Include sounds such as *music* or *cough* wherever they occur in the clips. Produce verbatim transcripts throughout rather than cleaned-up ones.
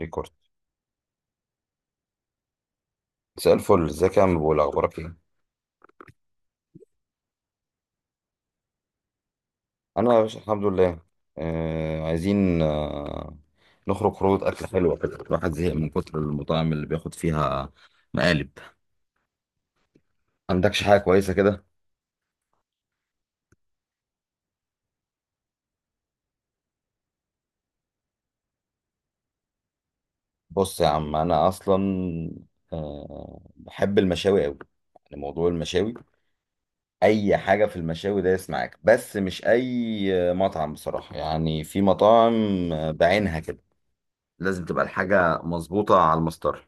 ريكورد. مساء الفل، ازيك يا عم؟ بقول اخبارك ايه؟ انا يا باشا الحمد لله. آه عايزين، آه نخرج خروج اكل حلوه كده. الواحد زهق من كتر المطاعم اللي بياخد فيها مقالب. عندكش حاجه كويسه كده؟ بص يا عم، انا اصلا آه بحب المشاوي قوي. يعني موضوع المشاوي، اي حاجه في المشاوي دايس معاك، بس مش اي مطعم بصراحه. يعني في مطاعم بعينها كده، لازم تبقى الحاجه مظبوطه على المسطره.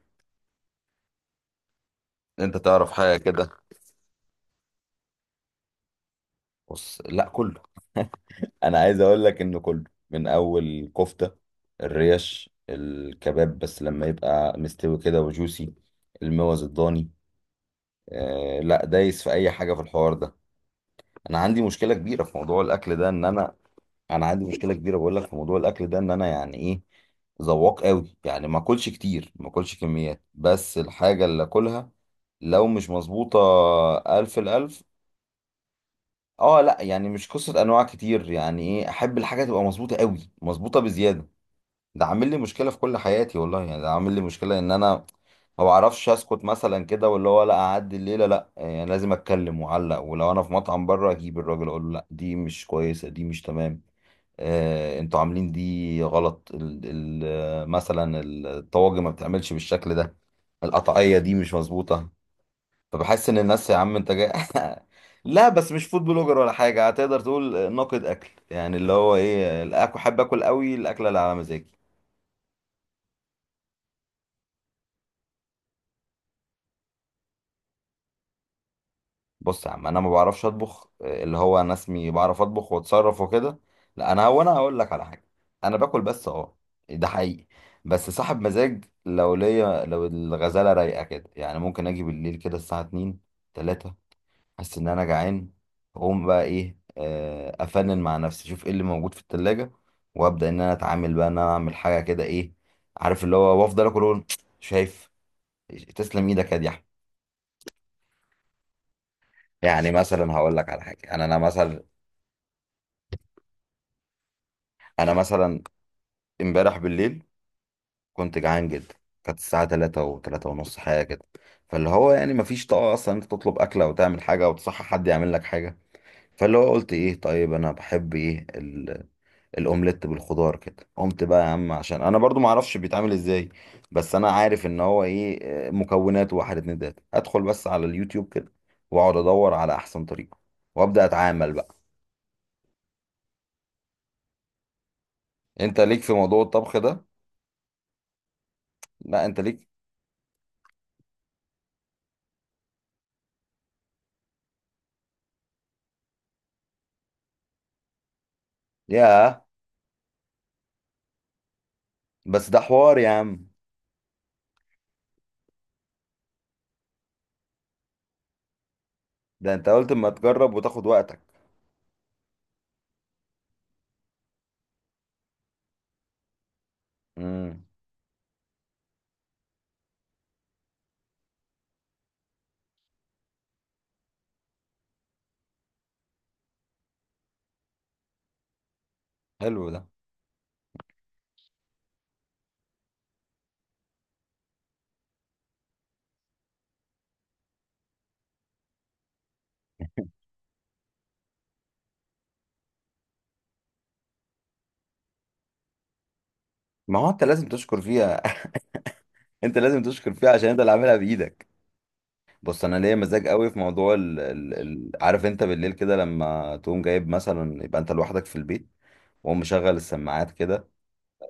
انت تعرف حاجه كده. بص، لا كله. انا عايز اقول لك انه كله، من اول كفته الريش الكباب، بس لما يبقى مستوي كده وجوسي. الموز الضاني، آه لا دايس في اي حاجه في الحوار ده. انا عندي مشكله كبيره في موضوع الاكل ده ان انا... انا عندي مشكله كبيره بقول لك في موضوع الاكل ده ان انا يعني ايه، ذواق قوي. يعني ما اكلش كتير، ما اكلش كميات، بس الحاجه اللي اكلها لو مش مظبوطه... الف الالف. اه، لا يعني مش قصة انواع كتير، يعني ايه، احب الحاجة تبقى مظبوطة قوي، مظبوطة بزيادة. ده عامل لي مشكلة في كل حياتي والله. يعني ده عامل لي مشكلة ان انا ما بعرفش اسكت مثلا كده، واللي هو لا اعدي الليلة، لا يعني لازم اتكلم واعلق. ولو انا في مطعم بره، اجيب الراجل اقول له لا دي مش كويسة، دي مش تمام. آه انتوا عاملين دي غلط، ال ال مثلا الطواجن ما بتعملش بالشكل ده، القطعية دي مش مظبوطة. فبحس ان الناس يا عم انت جاي *laughs* لا بس مش فود بلوجر ولا حاجه. هتقدر تقول ناقد اكل، يعني اللي هو ايه، الاكل حابب اكل قوي، الاكله اللي على مزاجي. بص يا عم، انا ما بعرفش اطبخ. اللي هو انا اسمي بعرف اطبخ واتصرف وكده. لا، انا هو انا هقول لك على حاجه. انا باكل بس، اه. ده حقيقي. بس صاحب مزاج. لو ليا، لو الغزاله رايقه كده، يعني ممكن اجي بالليل كده الساعه اتنين، تلاته. حاسس ان انا جعان. اقوم بقى ايه آه، افنن مع نفسي، اشوف ايه اللي موجود في التلاجة، وابدا ان انا اتعامل بقى، ان انا اعمل حاجه كده، ايه، عارف اللي هو، وافضل اكل وأقول *tsk* شايف، تسلم ايدك يا دي أحمد. يعني مثلا هقول لك على حاجه. انا انا مثلا، انا مثلا امبارح بالليل كنت جعان جدا. كانت الساعه تلاته و3 ونص حاجه كده. فاللي هو يعني مفيش طاقه اصلا انت تطلب اكله وتعمل حاجه، وتصحى حد يعمل لك حاجه. فاللي هو قلت ايه، طيب انا بحب ايه؟ ال- الاومليت بالخضار كده. قمت بقى يا عم، عشان انا برضو ما اعرفش بيتعمل ازاي، بس انا عارف ان هو ايه، آه، مكونات واحد اتنين تلاته. ادخل بس على اليوتيوب كده، واقعد ادور على احسن طريقه، وابدا اتعامل بقى. انت ليك في موضوع الطبخ ده؟ لا انت ليك. ياه. بس ده حوار يا عم. ده انت قلت اما تجرب وتاخد وقتك. امم حلو ده. *laughs* ما هو انت لازم تشكر فيها. *laughs* انت لازم تشكر فيها عشان انت اللي عاملها بايدك. بص، انا ليا مزاج قوي في موضوع ال... ال... ال... عارف انت بالليل كده، لما تقوم جايب مثلا، يبقى انت لوحدك في البيت، وقوم مشغل السماعات كده،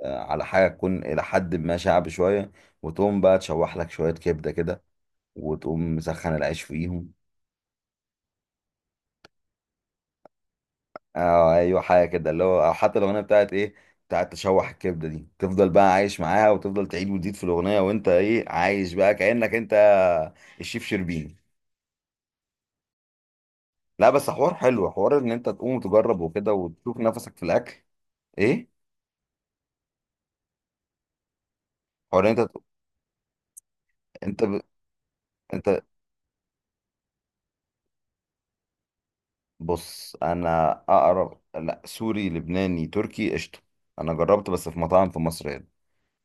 آه، على حاجه تكون الى حد ما شعبي شويه، وتقوم بقى تشوح لك شويه كبده كده، وتقوم مسخن العيش فيهم. اه ايوه، حاجه كده. اللي هو او حتى الاغنيه بتاعت ايه بتاعت تشوح الكبده دي، تفضل بقى عايش معاها، وتفضل تعيد وتزيد في الاغنيه، وانت ايه عايش بقى كانك انت الشيف شربيني. لا بس حوار حلو، حوار ان انت تقوم وتجرب وكده، وتشوف نفسك في الاكل. ايه، حوار انت انت ب... انت بص، انا اقرب لا سوري لبناني تركي قشطه. انا جربت بس في مطاعم في مصر هنا،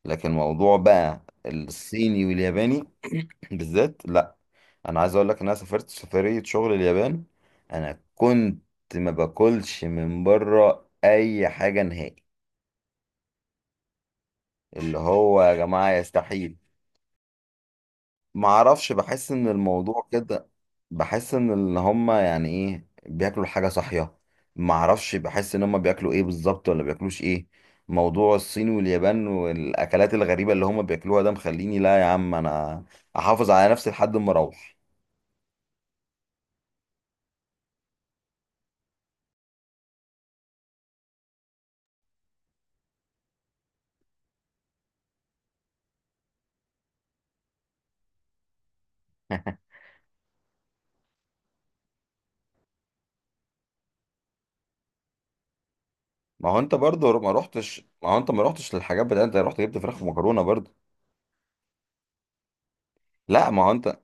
لكن موضوع بقى الصيني والياباني *clears throat* بالذات لا. انا عايز اقول لك ان انا سافرت سفريه شغل اليابان. انا كنت ما باكلش من بره اي حاجه نهائي. اللي هو يا جماعه يستحيل. ما اعرفش، بحس ان الموضوع كده. بحس ان اللي هم يعني ايه بياكلوا الحاجه صحيه. ما اعرفش، بحس ان هم بياكلوا ايه بالظبط ولا بياكلوش ايه. موضوع الصين واليابان والاكلات الغريبه اللي هم بياكلوها ده مخليني، لا يا عم، انا احافظ على نفسي لحد ما اروح. ما هو انت برضه ما رحتش. ما هو انت ما رحتش للحاجات بتاعت، انت رحت جبت فراخ ومكرونه برضه. لا، ما هو انت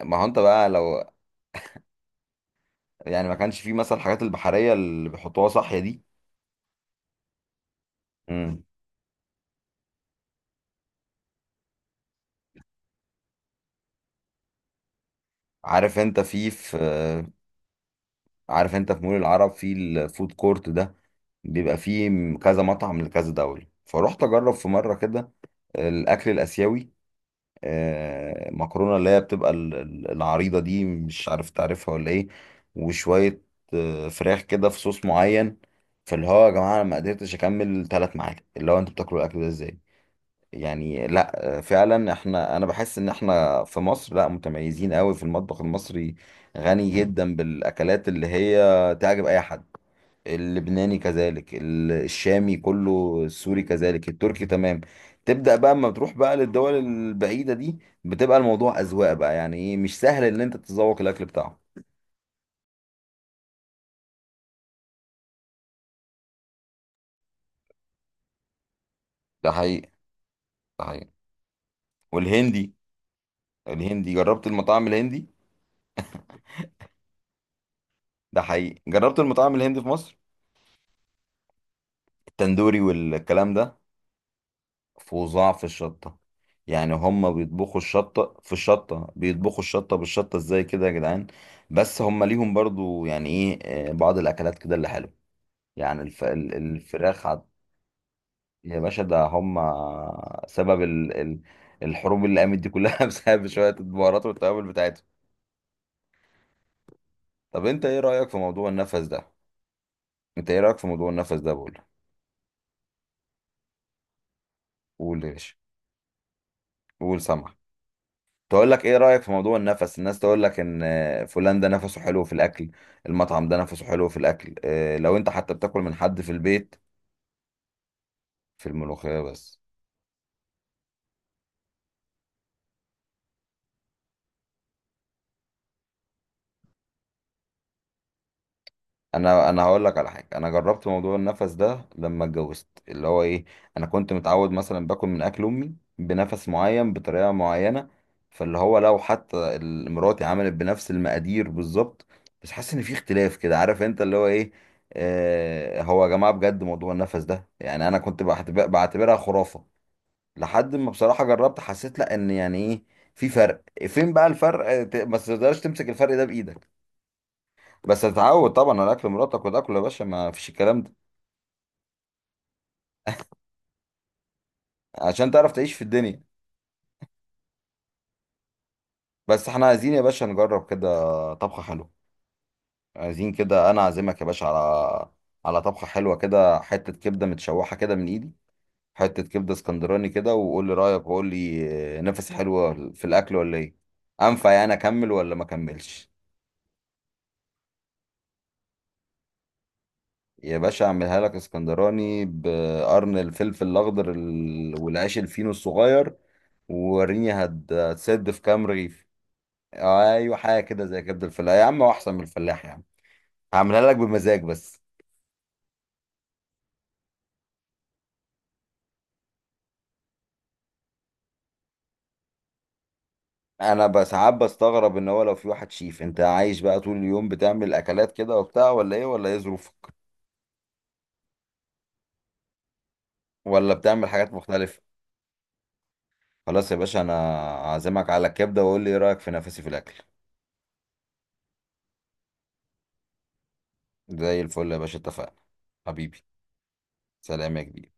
ما هو انت بقى لو، يعني ما كانش فيه مثلا الحاجات البحريه اللي بيحطوها صحيه دي. مم. عارف انت في في عارف انت في مول العرب، في الفود كورت ده، بيبقى فيه م- كذا مطعم لكذا دولة. فروحت اجرب في مرة كده الاكل الاسيوي، آه، مكرونة اللي هي بتبقى ال- ال- العريضة دي، مش عارف تعرفها ولا ايه، وشوية آه، فراخ كده في صوص معين. فاللي هو يا جماعة انا ما قدرتش اكمل ثلاث معاكم. اللي هو انتوا بتاكلوا الاكل ده ازاي؟ يعني لا، آه، فعلا احنا... انا بحس ان احنا في مصر لا متميزين قوي في المطبخ المصري. غني جدا بالاكلات اللي هي تعجب اي حد. اللبناني كذلك، ال- الشامي كله، السوري كذلك، التركي تمام. تبدأ بقى اما تروح بقى للدول البعيدة دي، بتبقى الموضوع أذواق بقى. يعني ايه، مش سهل ان انت تتذوق الاكل بتاعهم. ده حقيقي. ده حقيقي. والهندي، الهندي جربت المطاعم الهندي. ده حقيقي. جربت المطاعم الهندي في مصر، التندوري والكلام ده، فظاع في الشطة. يعني هم بيطبخوا الشطة في الشطة، بيطبخوا الشطة بالشطة، ازاي كده يا جدعان؟ بس هم ليهم برضو يعني ايه، آه، بعض الاكلات كده اللي حلوة، يعني الف... ال- الفراخ عد... يا باشا، ده هم سبب ال... ال... الحروب اللي قامت دي كلها *laughs* بسبب شوية البهارات والتوابل بتاعتهم. طب انت ايه رأيك في موضوع النفس ده؟ انت ايه رأيك في موضوع النفس ده بقول؟ قول يا باشا. قول، سامع. تقول لك ايه رأيك في موضوع النفس؟ الناس تقول لك ان فلان ده نفسه حلو في الاكل، المطعم ده نفسه حلو في الاكل، اه، لو انت حتى بتاكل من حد في البيت، في الملوخية بس. انا انا هقول لك على حاجه. انا جربت موضوع النفس ده لما اتجوزت، اللي هو ايه، انا كنت متعود مثلا باكل من اكل امي بنفس معين بطريقه معينه. فاللي هو لو حتى ال- مراتي عملت بنفس المقادير بالظبط، بس حاسس ان في اختلاف كده، عارف انت اللي هو ايه. آه هو يا جماعه بجد موضوع النفس ده، يعني انا كنت بعتبر- بعتبرها خرافه، لحد ما بصراحه جربت. حسيت لا، ان يعني ايه، في فرق. فين بقى الفرق؟ آه، ت- بس ما تقدرش تمسك الفرق ده بايدك. بس تتعود طبعا على اكل مراتك وتاكل يا باشا، ما فيش الكلام ده. عشان تعرف تعيش في الدنيا. بس احنا عايزين يا باشا نجرب كده طبخة حلوة. عايزين كده انا اعزمك يا باشا على على طبخة حلوة كده، حتة كبدة متشوحة كده من ايدي. حتة كبدة اسكندراني كده، وقول لي رأيك، وقول لي آه، نفس حلوة في الاكل ولا ايه. انفع يعني اكمل ولا ما اكملش. يا باشا اعملها لك اسكندراني بقرن الفلفل الاخضر ال- والعيش الفينو الصغير. ووريني هت- هتسد في كام رغيف. ايوه حاجه كده زي كبد الفلاح يا عم، هو احسن من الفلاح يا عم. هعملها لك بمزاج بس. انا بس ساعات بستغرب ان هو لو في واحد شيف، انت عايش بقى طول اليوم بتعمل اكلات كده وبتاع، ولا ايه ولا ايه ظروفك، ولا بتعمل حاجات مختلفه. خلاص يا باشا، انا عازمك على الكبده، وقول لي ايه رايك في نفسي في الاكل. زي الفل يا باشا، اتفقنا، حبيبي. سلام يا كبير.